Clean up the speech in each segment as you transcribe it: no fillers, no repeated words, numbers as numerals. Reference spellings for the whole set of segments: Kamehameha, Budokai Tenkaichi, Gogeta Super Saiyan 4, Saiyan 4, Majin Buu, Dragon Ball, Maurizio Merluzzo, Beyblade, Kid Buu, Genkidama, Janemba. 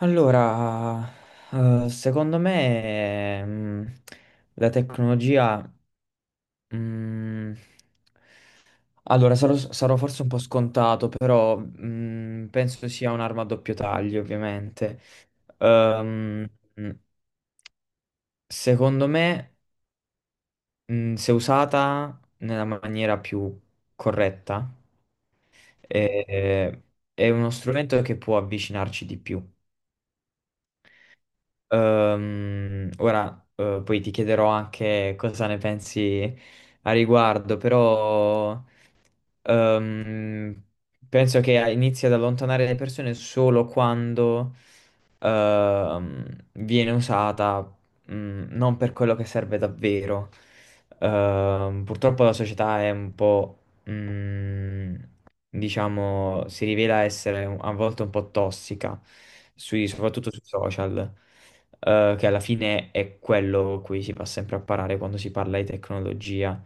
Allora, secondo me, la tecnologia, mm, allora sarò forse un po' scontato, però, penso sia un'arma a doppio taglio, ovviamente. Ehm, mm, secondo me, se usata nella maniera più corretta, eh, è uno strumento che può avvicinarci di più. Ora, poi ti chiederò anche cosa ne pensi a riguardo, però ehm, penso che inizi ad allontanare le persone solo quando ehm, viene usata non per quello che serve davvero. Purtroppo la società è un po', mm, diciamo, si rivela essere a volte un po' tossica, soprattutto sui social, che alla fine è quello cui si va sempre a parare quando si parla di tecnologia.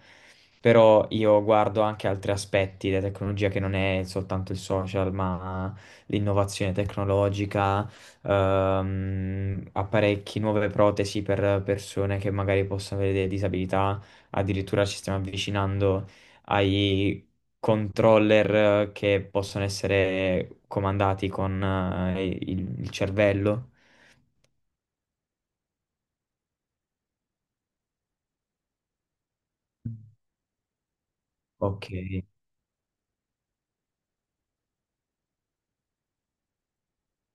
Però io guardo anche altri aspetti della tecnologia che non è soltanto il social, ma l'innovazione tecnologica, apparecchi, nuove protesi per persone che magari possono avere delle disabilità. Addirittura ci stiamo avvicinando ai controller che possono essere comandati con il cervello. Ok.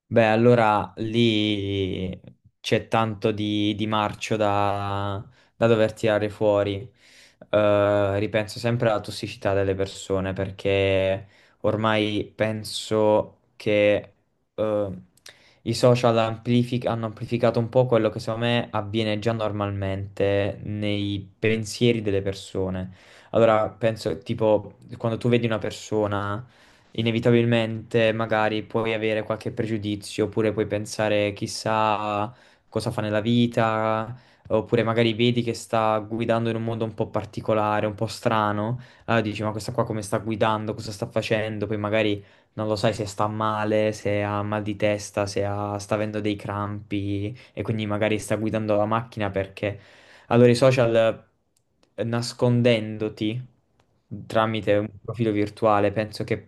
Beh, allora lì c'è tanto di marcio da, da dover tirare fuori. Ripenso sempre alla tossicità delle persone perché ormai penso che eh, hanno amplificato un po' quello che secondo me avviene già normalmente nei pensieri delle persone. Allora, penso tipo quando tu vedi una persona inevitabilmente magari puoi avere qualche pregiudizio, oppure puoi pensare chissà cosa fa nella vita, oppure magari vedi che sta guidando in un modo un po' particolare, un po' strano, allora dici ma questa qua come sta guidando, cosa sta facendo, poi magari non lo sai se sta male, se ha mal di testa, se ha- sta avendo dei crampi e quindi magari sta guidando la macchina perché allora i social nascondendoti tramite un profilo virtuale, penso che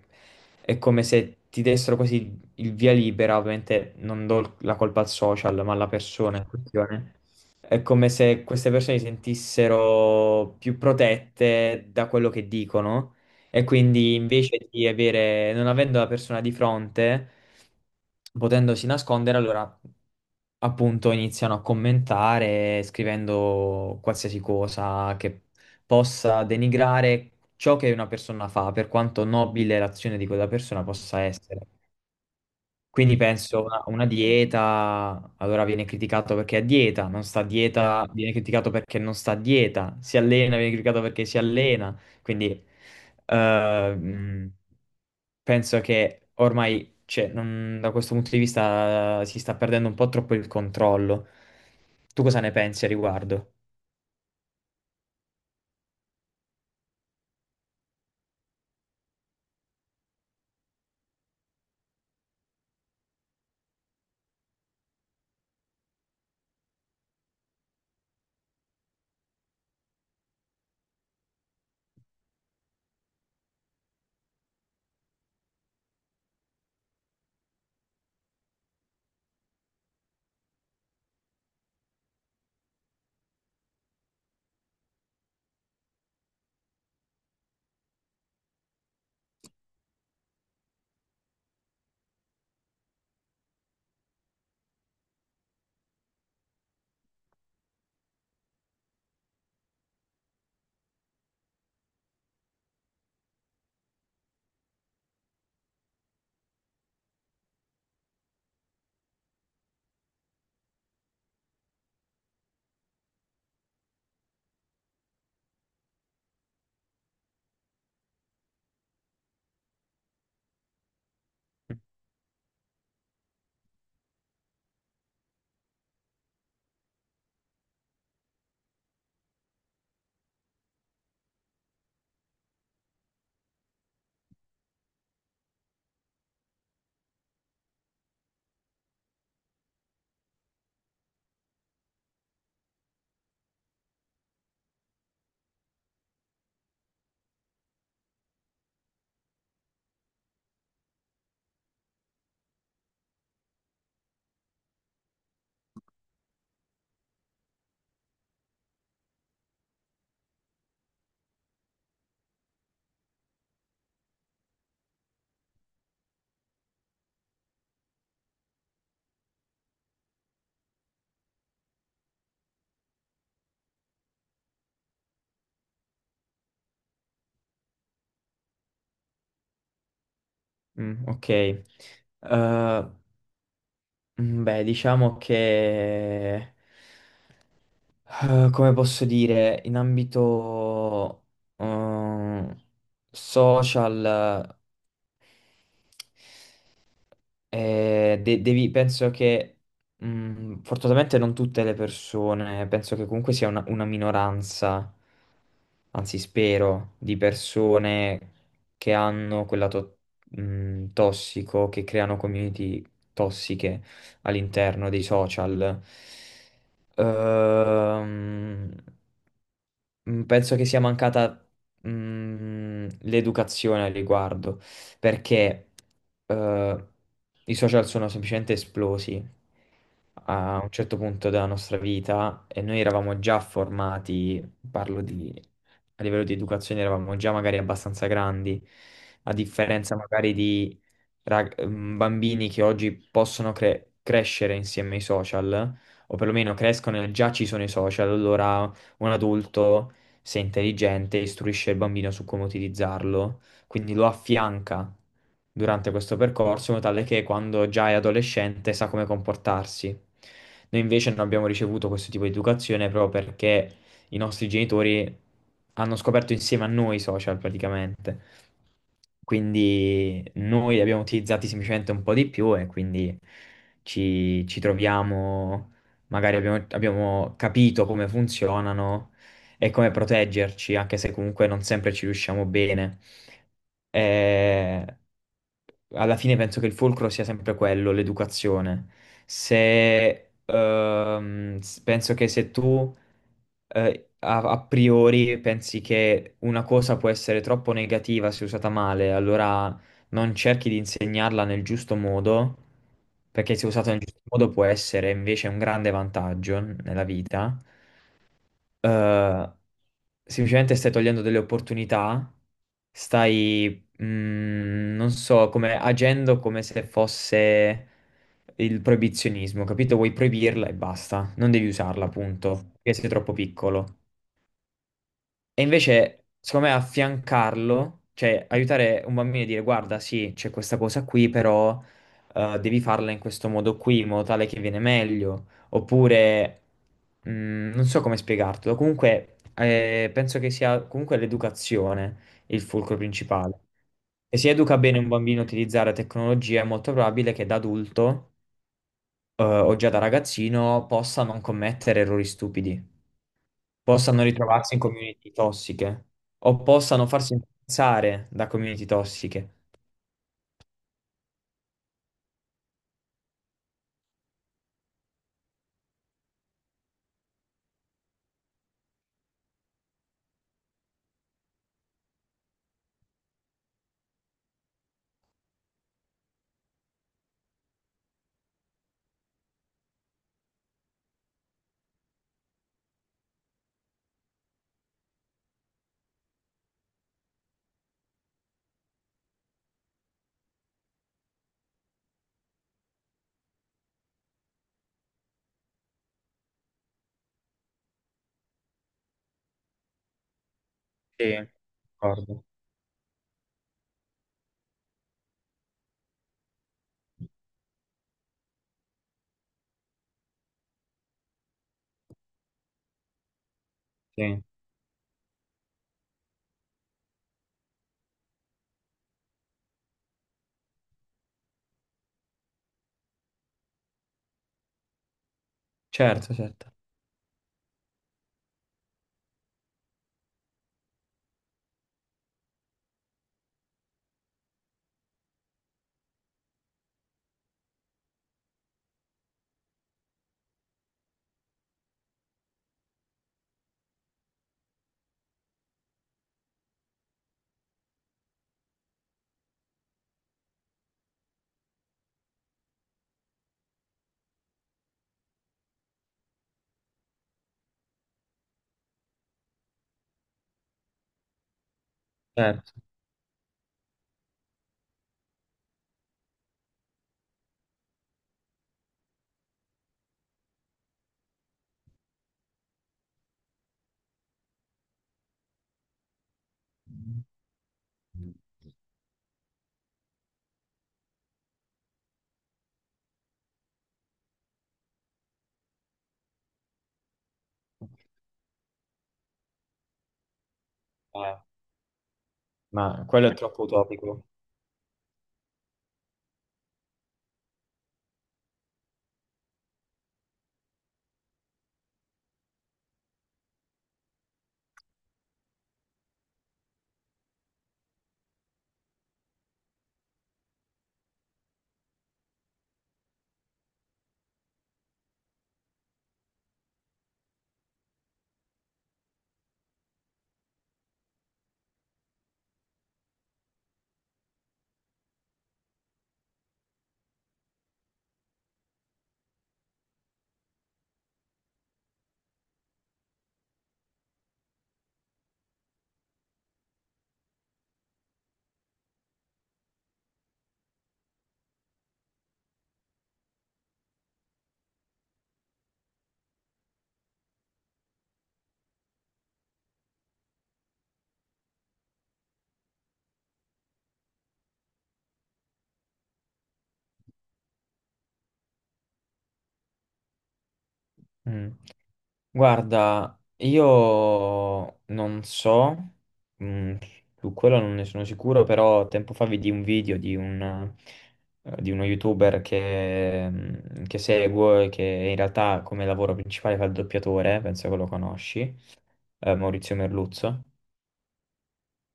è come se ti dessero quasi il via libera, ovviamente non do la colpa al social, ma alla persona in questione. È come se queste persone si sentissero più protette da quello che dicono e quindi invece di avere, non avendo la persona di fronte, potendosi nascondere, allora appunto iniziano a commentare scrivendo qualsiasi cosa che possa denigrare ciò che una persona fa, per quanto nobile l'azione di quella persona possa essere. Quindi penso una dieta, allora viene criticato perché è a dieta, non sta a dieta, viene criticato perché non sta a dieta, si allena, viene criticato perché si allena. Quindi eh, mh, penso che ormai, cioè, da questo punto di vista, si sta perdendo un po' troppo il controllo. Tu cosa ne pensi a riguardo? Mm, ok. Beh, diciamo che... come posso dire, in ambito eh, social, penso che fortunatamente non tutte le persone, penso che comunque sia una minoranza, anzi spero, di persone che hanno tossico, che creano community tossiche all'interno dei social. Ehm, Penso che sia mancata l'educazione al riguardo, perché eh, i social sono semplicemente esplosi a un certo punto della nostra vita e noi eravamo già formati, parlo di a livello di educazione, eravamo già magari abbastanza grandi, a differenza magari di bambini che oggi possono crescere insieme ai social, o perlomeno crescono e già ci sono i social, allora un adulto se è intelligente, istruisce il bambino su come utilizzarlo, quindi lo affianca durante questo percorso, in modo tale che quando già è adolescente sa come comportarsi. Noi invece non abbiamo ricevuto questo tipo di educazione proprio perché i nostri genitori hanno scoperto insieme a noi i social praticamente. Quindi noi li abbiamo utilizzati semplicemente un po' di più e quindi ci troviamo, magari abbiamo capito come funzionano e come proteggerci, anche se comunque non sempre ci riusciamo bene. Eh, alla fine penso che il fulcro sia sempre quello, l'educazione. Se, s- penso che se tu a, a priori pensi che una cosa può essere troppo negativa se usata male, allora non cerchi di insegnarla nel giusto modo, perché se usata nel giusto modo può essere invece un grande vantaggio nella vita. eh, semplicemente stai togliendo delle opportunità, stai, non so, come agendo come se fosse il proibizionismo, capito? Vuoi proibirla e basta, non devi usarla, appunto, perché sei troppo piccolo. E invece, secondo me, affiancarlo, cioè aiutare un bambino a dire guarda, sì, c'è questa cosa qui, però devi farla in questo modo qui, in modo tale che viene meglio. Oppure, non so come spiegartelo, comunque penso che sia comunque l'educazione il fulcro principale. E se educa bene un bambino a utilizzare tecnologia, è molto probabile che da adulto o già da ragazzino possa non commettere errori stupidi, possano ritrovarsi in community tossiche o possano farsi influenzare da community tossiche. Sì, d'accordo. Sì, certo, certo, certo. Eh, ma quello è troppo utopico. Mm. Guarda, io non so, mm, su quello non ne sono sicuro, però tempo fa vidi un video di un, di uno YouTuber che, che seguo e che in realtà come lavoro principale fa il doppiatore, penso che lo conosci, Maurizio Merluzzo.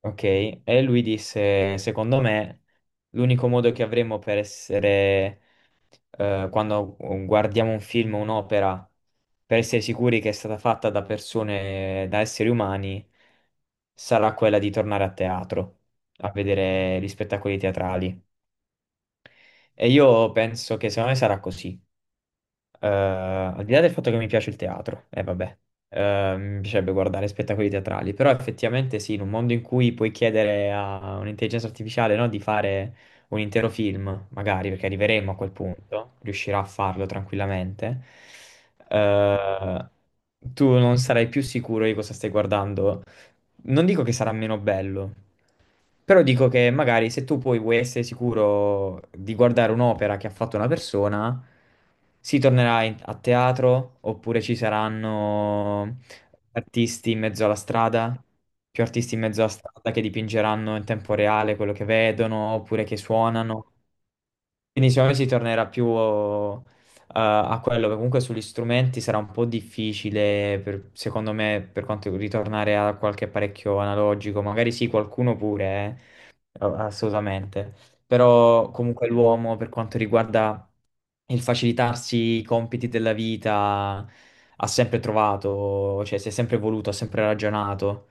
Ok, e lui disse, secondo me, l'unico modo che avremo per essere quando guardiamo un film o un'opera, per essere sicuri che è stata fatta da persone, da esseri umani, sarà quella di tornare a teatro, a vedere gli spettacoli teatrali. E io penso che secondo me sarà così. Al di là del fatto che mi piace il teatro, e vabbè, mi piacerebbe guardare spettacoli teatrali, però effettivamente sì, in un mondo in cui puoi chiedere a un'intelligenza artificiale, no, di fare un intero film, magari perché arriveremo a quel punto, riuscirà a farlo tranquillamente, eh, tu non sarai più sicuro di cosa stai guardando, non dico che sarà meno bello, però dico che magari se tu poi vuoi essere sicuro di guardare un'opera che ha fatto una persona, si tornerà a teatro oppure ci saranno artisti in mezzo alla strada, più artisti in mezzo alla strada che dipingeranno in tempo reale quello che vedono oppure che suonano. Quindi secondo me si tornerà più a quello, perché comunque sugli strumenti sarà un po' difficile, secondo me, per quanto ritornare a qualche apparecchio analogico, magari sì, qualcuno pure, assolutamente, però comunque l'uomo per quanto riguarda il facilitarsi i compiti della vita ha sempre trovato, cioè si è sempre voluto, ha sempre ragionato.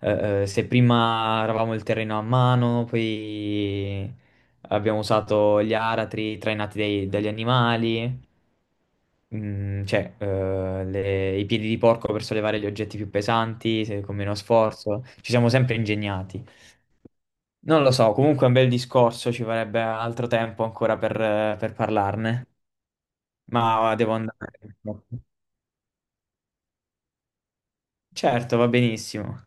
Se prima eravamo il terreno a mano, poi abbiamo usato gli aratri trainati dagli animali, cioè i piedi di porco per sollevare gli oggetti più pesanti con meno sforzo, ci siamo sempre ingegnati. Non lo so, comunque è un bel discorso, ci vorrebbe altro tempo ancora per parlarne, ma devo andare. Certo, va benissimo.